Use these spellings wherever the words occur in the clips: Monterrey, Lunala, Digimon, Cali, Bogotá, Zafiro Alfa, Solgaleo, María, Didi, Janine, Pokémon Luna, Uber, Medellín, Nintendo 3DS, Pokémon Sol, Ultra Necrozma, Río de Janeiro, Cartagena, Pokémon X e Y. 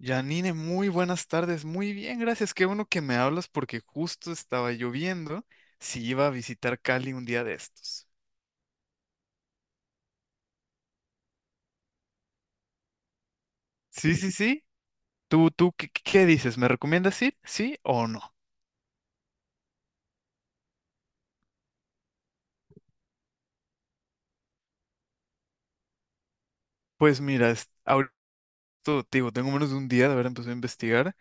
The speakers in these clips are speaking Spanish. Janine, muy buenas tardes. Muy bien, gracias. Qué bueno que me hablas porque justo estaba lloviendo si iba a visitar Cali un día de estos. Sí, sí, sí. ¿Tú qué dices? ¿Me recomiendas ir? ¿Sí o no? Pues mira, ahorita te digo, tengo menos de un día de haber empezado a investigar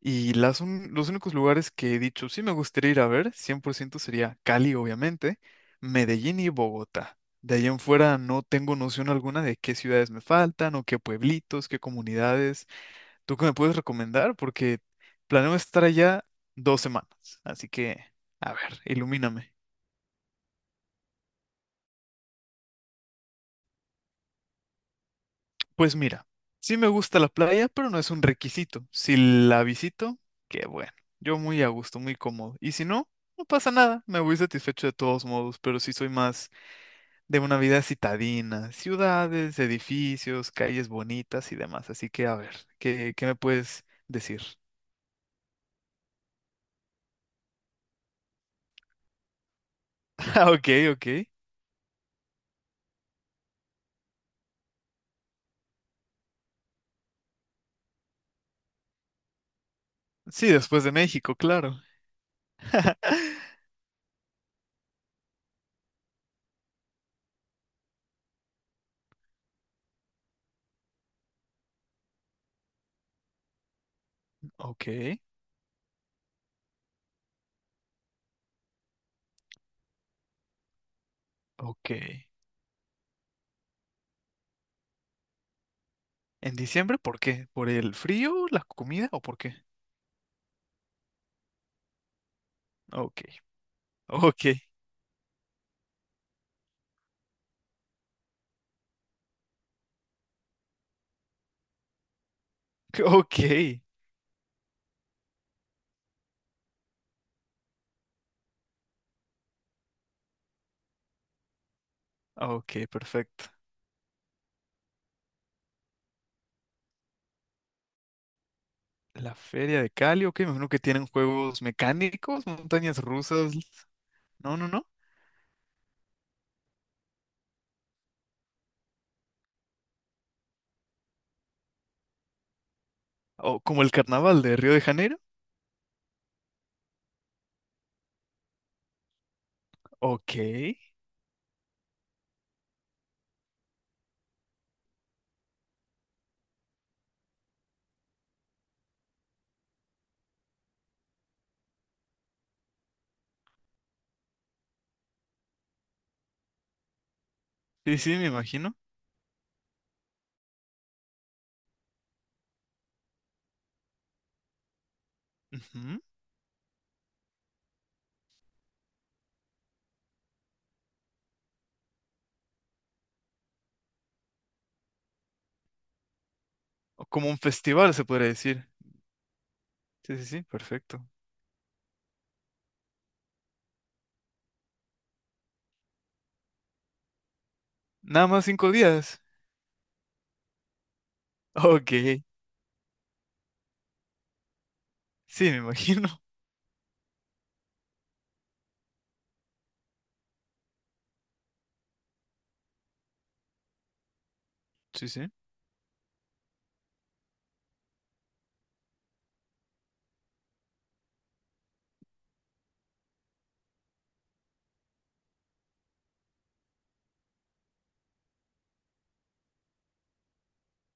y los únicos lugares que he dicho sí me gustaría ir a ver, 100% sería Cali, obviamente, Medellín y Bogotá. De allá en fuera no tengo noción alguna de qué ciudades me faltan o qué pueblitos, qué comunidades. ¿Tú qué me puedes recomendar? Porque planeo estar allá 2 semanas, así que, a ver, ilumíname. Pues mira, sí me gusta la playa, pero no es un requisito. Si la visito, qué bueno. Yo muy a gusto, muy cómodo. Y si no, no pasa nada, me voy satisfecho de todos modos, pero sí soy más de una vida citadina, ciudades, edificios, calles bonitas y demás. Así que, a ver, ¿qué me puedes decir? Ah, ok, ok. Sí, después de México, claro. Ok. Ok. ¿En diciembre por qué? ¿Por el frío, la comida o por qué? Ok. Ok. Ok. Ok, perfecto. La feria de Cali, ok, me imagino que tienen juegos mecánicos, montañas rusas. No, no, no. O como el carnaval de Río de Janeiro. Ok. Sí, sí, me imagino. Ujú. O como un festival, se podría decir. Sí, sí, sí, perfecto. Nada más 5 días. Ok. Sí, me imagino. Sí, sí.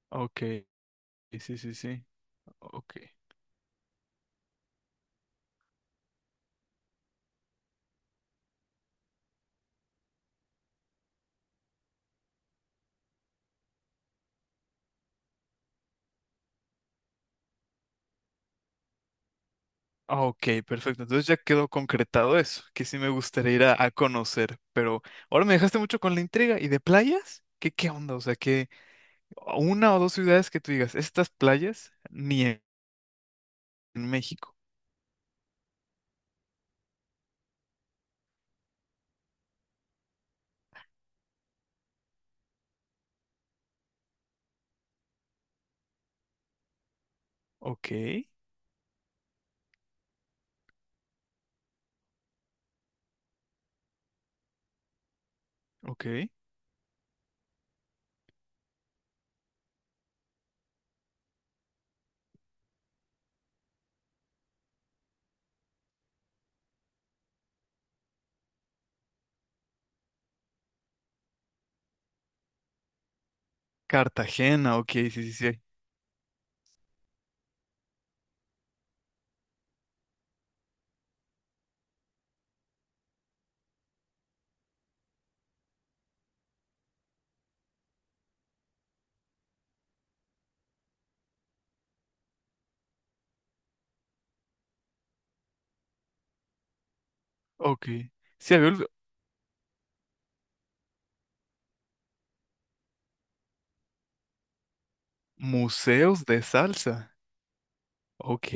Ok. Sí, sí, sí. Ok. Ah, ok, perfecto. Entonces ya quedó concretado eso, que sí me gustaría ir a conocer, pero ahora me dejaste mucho con la intriga. ¿Y de playas? ¿Qué, qué onda? O sea, que una o dos ciudades que tú digas, estas playas ni en, en México. Ok, ok. Cartagena, ok, sí, sí, sí. Ok. Sí, había olvi- museos de salsa. Ok,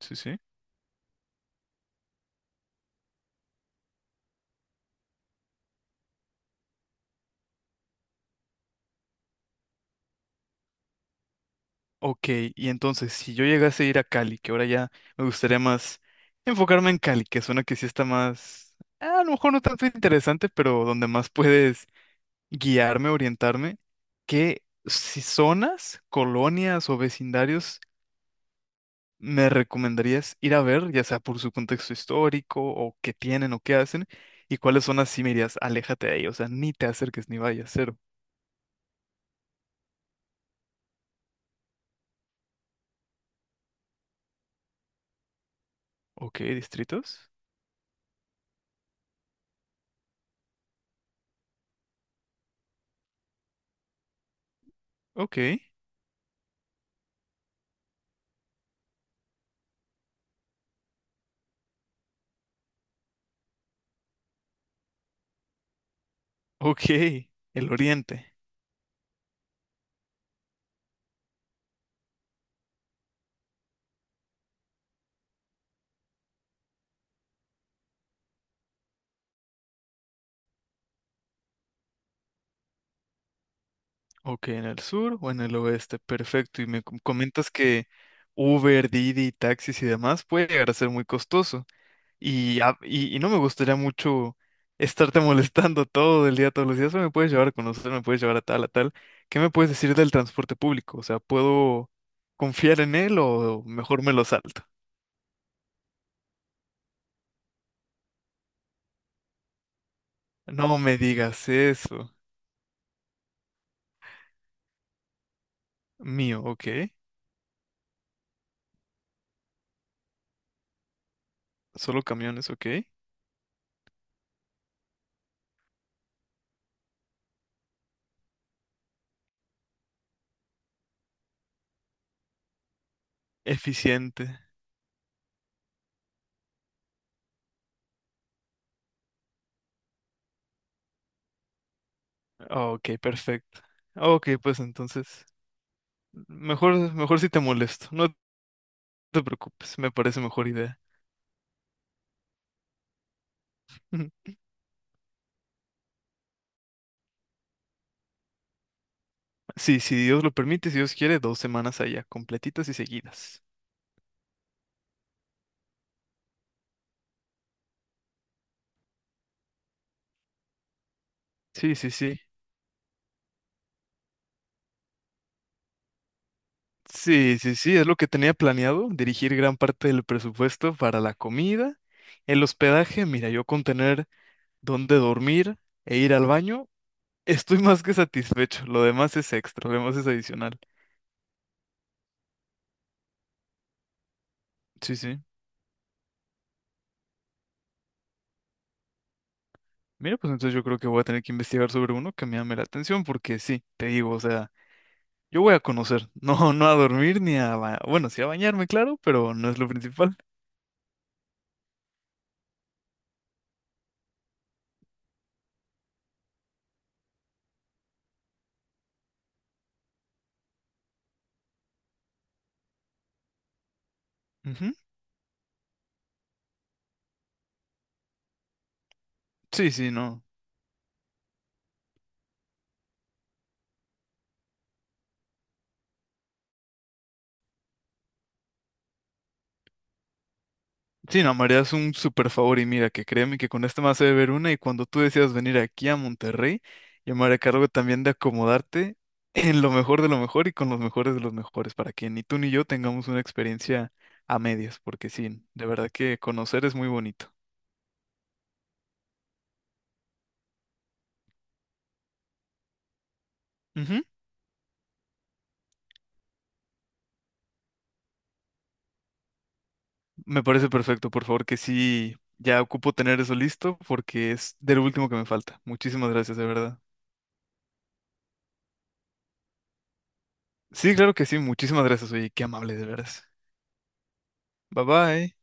sí, sí. Ok, y entonces, si yo llegase a ir a Cali, que ahora ya me gustaría más enfocarme en Cali, que suena que sí está más, a lo mejor no tanto interesante, pero donde más puedes guiarme, orientarme, ¿qué si zonas, colonias o vecindarios me recomendarías ir a ver, ya sea por su contexto histórico o qué tienen o qué hacen? ¿Y cuáles zonas sí me dirías, aléjate de ahí, o sea, ni te acerques ni vayas, cero? Ok, distritos. Ok, ok, el oriente. Ok, en el sur o en el oeste, perfecto. Y me comentas que Uber, Didi, taxis y demás puede llegar a ser muy costoso. Y, y no me gustaría mucho estarte molestando todo el día, todos los días. "Oye, me puedes llevar a conocer, me puedes llevar a tal, a tal. ¿Qué me puedes decir del transporte público? O sea, ¿puedo confiar en él o mejor me lo salto? No me digas eso. Mío, ok. Solo camiones, ok. Eficiente. Ok, perfecto. Ok, pues entonces. Mejor, mejor si te molesto. No te preocupes, me parece mejor idea. Sí, si Dios lo permite, si Dios quiere, dos semanas allá, completitas y seguidas. Sí, sí, sí. Sí, sí, sí, es lo que tenía planeado, dirigir gran parte del presupuesto para la comida, el hospedaje, mira, yo con tener dónde dormir e ir al baño, estoy más que satisfecho, lo demás es extra, lo demás es adicional. Sí, sí. Mira, pues entonces yo creo que voy a tener que investigar sobre uno que me llame la atención, porque sí, te digo, o sea... Yo voy a conocer, no, no a dormir ni a bueno, sí a bañarme, claro, pero no es lo principal. Ujú. Sí, sí, no. Sí, no, María es un súper favor y mira, que créeme que con este me hace ver una y cuando tú decidas venir aquí a Monterrey, yo me haré cargo también de acomodarte en lo mejor de lo mejor y con los mejores de los mejores para que ni tú ni yo tengamos una experiencia a medias, porque sí, de verdad que conocer es muy bonito. Ujú. Me parece perfecto, por favor, que sí, ya ocupo tener eso listo porque es del último que me falta. Muchísimas gracias, de verdad. Sí, claro que sí, muchísimas gracias, oye, qué amable, de veras. Bye bye.